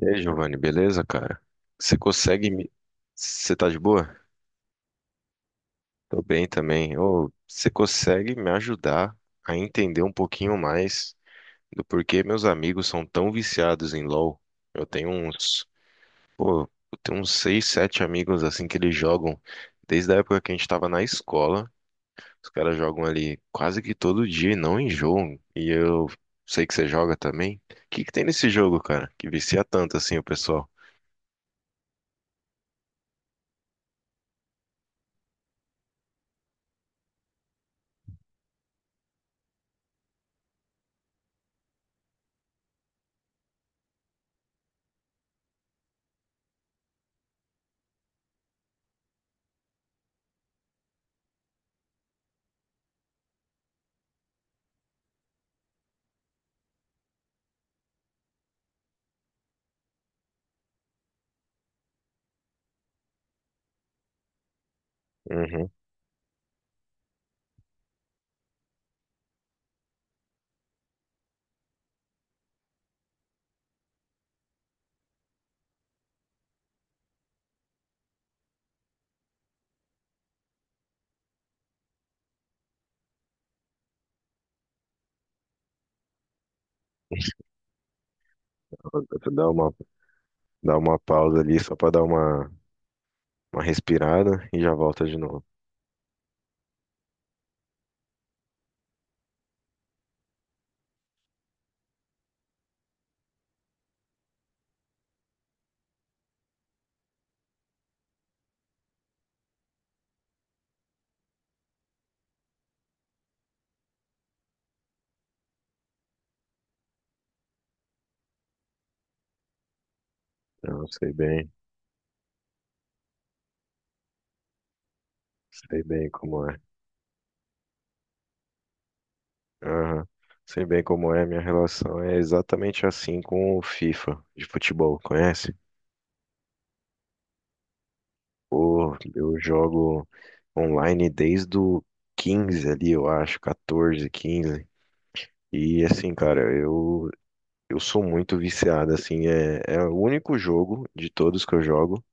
E aí, Giovanni, beleza, cara? Você consegue me. Você tá de boa? Tô bem também. Ô, você consegue me ajudar a entender um pouquinho mais do porquê meus amigos são tão viciados em LoL? Eu tenho uns. Pô, eu tenho uns seis, sete amigos assim que eles jogam desde a época que a gente tava na escola. Os caras jogam ali quase que todo dia e não enjoam. E eu sei que você joga também. O que que tem nesse jogo, cara? Que vicia tanto assim o pessoal? Uhum. Dá uma Dá uma pausa ali só pra dar uma respirada e já volta de novo. Eu sei bem como é. Aham. Sei bem como é, minha relação é exatamente assim com o FIFA de futebol, conhece? Pô, eu jogo online desde o 15 ali, eu acho, 14, 15. E assim, cara, eu sou muito viciado, assim, é o único jogo de todos que eu jogo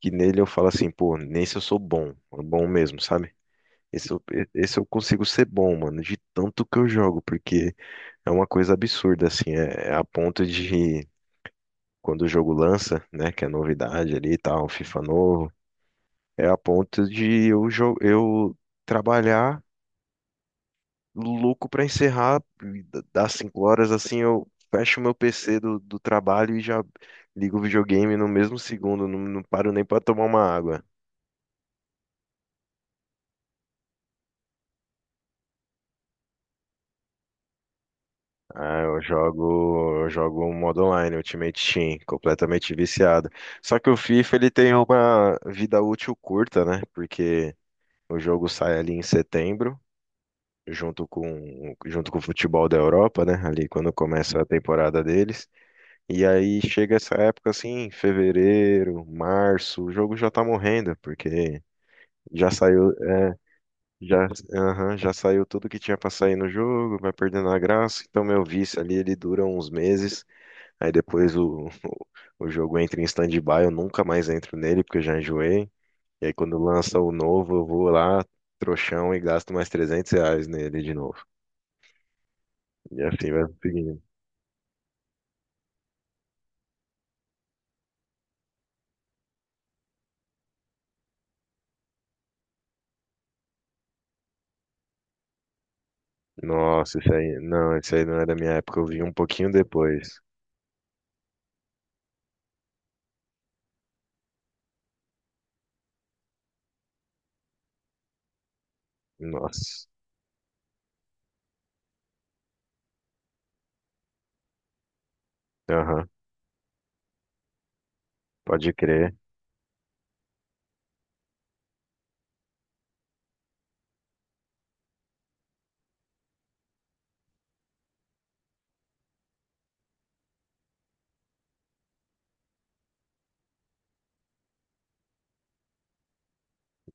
que nele eu falo assim, pô, nesse eu sou bom, bom mesmo, sabe? Esse eu, esse eu consigo ser bom, mano, de tanto que eu jogo, porque é uma coisa absurda, assim, é a ponto de quando o jogo lança, né, que é novidade ali e tal, FIFA novo, é a ponto de eu trabalhar louco pra encerrar, e das 5 horas, assim, eu fecho o meu PC do trabalho e já ligo o videogame no mesmo segundo, não paro nem pra tomar uma água. Ah, eu jogo um modo online, Ultimate Team, completamente viciado. Só que o FIFA ele tem uma vida útil curta, né? Porque o jogo sai ali em setembro, junto com o futebol da Europa, né? Ali quando começa a temporada deles. E aí chega essa época assim, fevereiro, março, o jogo já tá morrendo, porque já saiu, já, aham, já saiu tudo que tinha pra sair no jogo, vai perdendo a graça. Então meu vício ali ele dura uns meses. Aí depois o, o jogo entra em stand-by, eu nunca mais entro nele porque eu já enjoei. E aí quando lança o novo, eu vou lá, trouxão, e gasto mais R$ 300 nele de novo. E assim vai seguindo. Nossa, isso aí não é da minha época, eu vi um pouquinho depois. Nossa, aham, pode crer,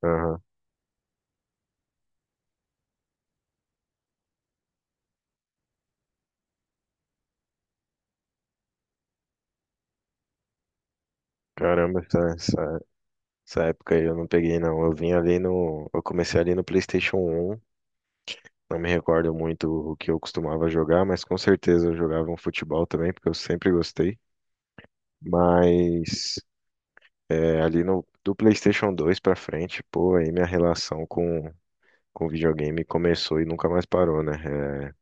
aham. Caramba, essa época aí eu não peguei não, eu vim ali no, eu comecei ali no PlayStation um. Não me recordo muito o que eu costumava jogar, mas com certeza eu jogava um futebol também, porque eu sempre gostei. Mas ali no, do PlayStation 2 pra frente, pô, aí minha relação com, videogame começou e nunca mais parou, né? É,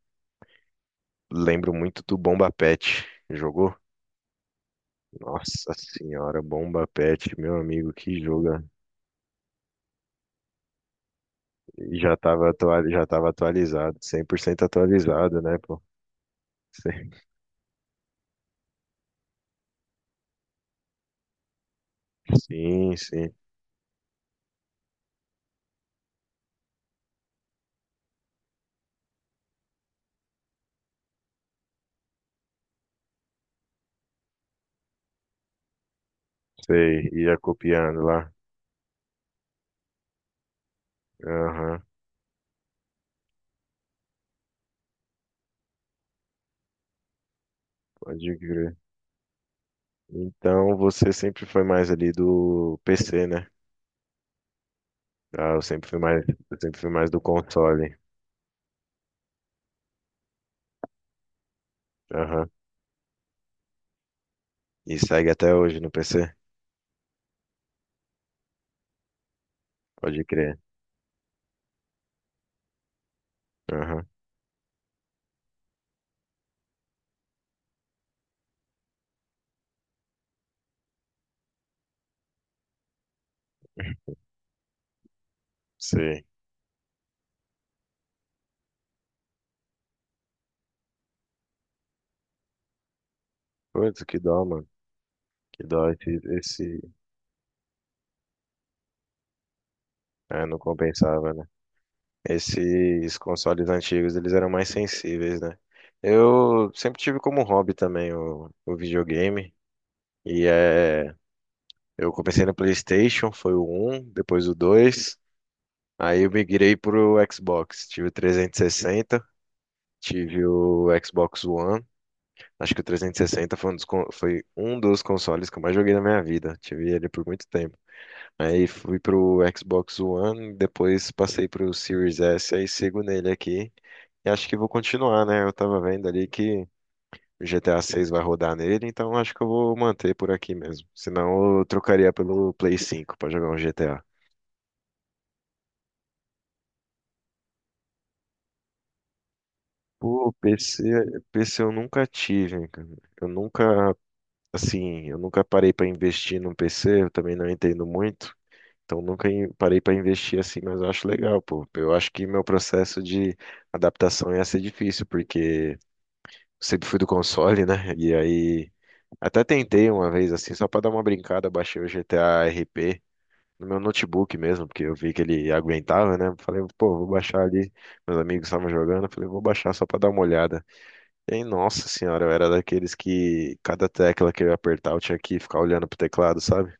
lembro muito do Bomba Patch. Jogou? Nossa senhora, Bomba Patch, meu amigo, que joga. E já tava atualizado, 100% atualizado, né, pô? Sim, sim, sim. Sei, ia copiando lá. Aham. Pode crer. Então você sempre foi mais ali do PC, né? Ah, eu sempre fui mais do console. Aham. E segue até hoje no PC? Pode crer. Aham. Sei. Putz, que dó, mano. Que dó esse. É, não compensava, né? Esses consoles antigos, eles eram mais sensíveis, né? Eu sempre tive como hobby também o videogame. E eu comecei no PlayStation, foi o um depois o dois. Aí eu migrei pro Xbox. Tive o 360, tive o Xbox One. Acho que o 360 foi um dos consoles que eu mais joguei na minha vida. Tive ele por muito tempo. Aí fui pro Xbox One, depois passei pro Series S, aí sigo nele aqui. E acho que vou continuar, né? Eu tava vendo ali que o GTA 6 vai rodar nele, então acho que eu vou manter por aqui mesmo. Senão eu trocaria pelo Play 5 pra jogar um GTA. Pô, PC eu nunca tive, cara. Eu nunca, assim, eu nunca parei pra investir num PC, eu também não entendo muito, então nunca parei pra investir assim, mas eu acho legal, pô. Eu acho que meu processo de adaptação ia ser difícil, porque sempre fui do console, né? E aí até tentei uma vez assim, só pra dar uma brincada, baixei o GTA RP no meu notebook mesmo, porque eu vi que ele aguentava, né? Falei, pô, vou baixar ali, meus amigos estavam jogando, eu falei, vou baixar só pra dar uma olhada. Ei, nossa senhora, eu era daqueles que cada tecla que eu ia apertar eu tinha que ficar olhando pro teclado, sabe?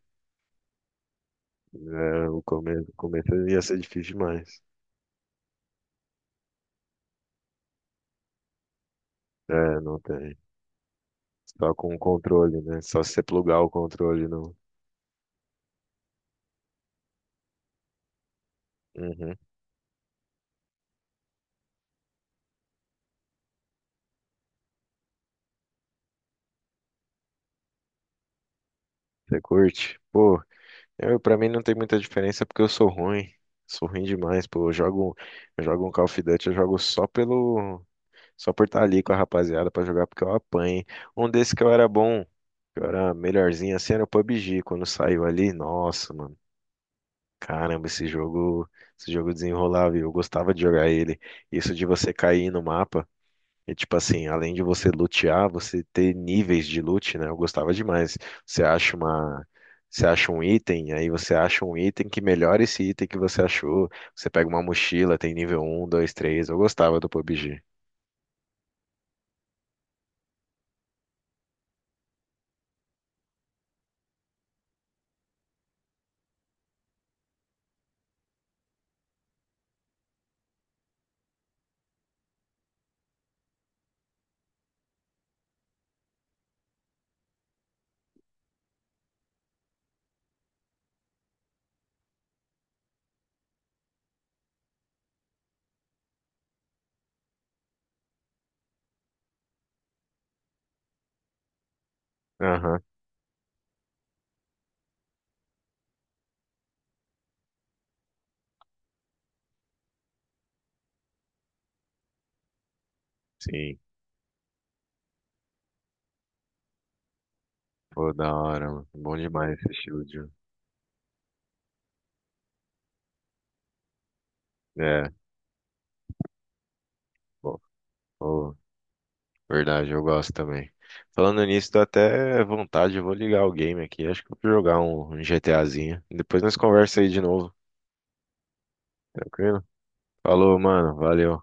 É, o começo ia ser difícil demais. É, não tem. Só com o controle, né? Só se você plugar o controle no. Uhum. Você curte? Pô, pra mim não tem muita diferença porque eu sou ruim. Sou ruim demais, pô. Eu jogo um Call of Duty, eu jogo só pelo. Só por estar ali com a rapaziada pra jogar, porque eu apanhei. Um desses que eu era bom, que eu era melhorzinho assim, era o PUBG. Quando saiu ali, nossa, mano. Caramba, esse jogo desenrolava e eu gostava de jogar ele. Isso de você cair no mapa e, tipo assim, além de você lutear, você ter níveis de loot, né? Eu gostava demais. Você acha uma. Você acha um item, aí você acha um item que melhora esse item que você achou. Você pega uma mochila, tem nível um 2 três. Eu gostava do PUBG. Aham, sim. Pô, da hora, mano. Bom demais esse estilo de. É, bom, pô, verdade, eu gosto também. Falando nisso, dá até vontade, eu vou ligar o game aqui. Acho que eu vou jogar um GTAzinho. Depois nós conversa aí de novo, tranquilo? Falou, mano, valeu.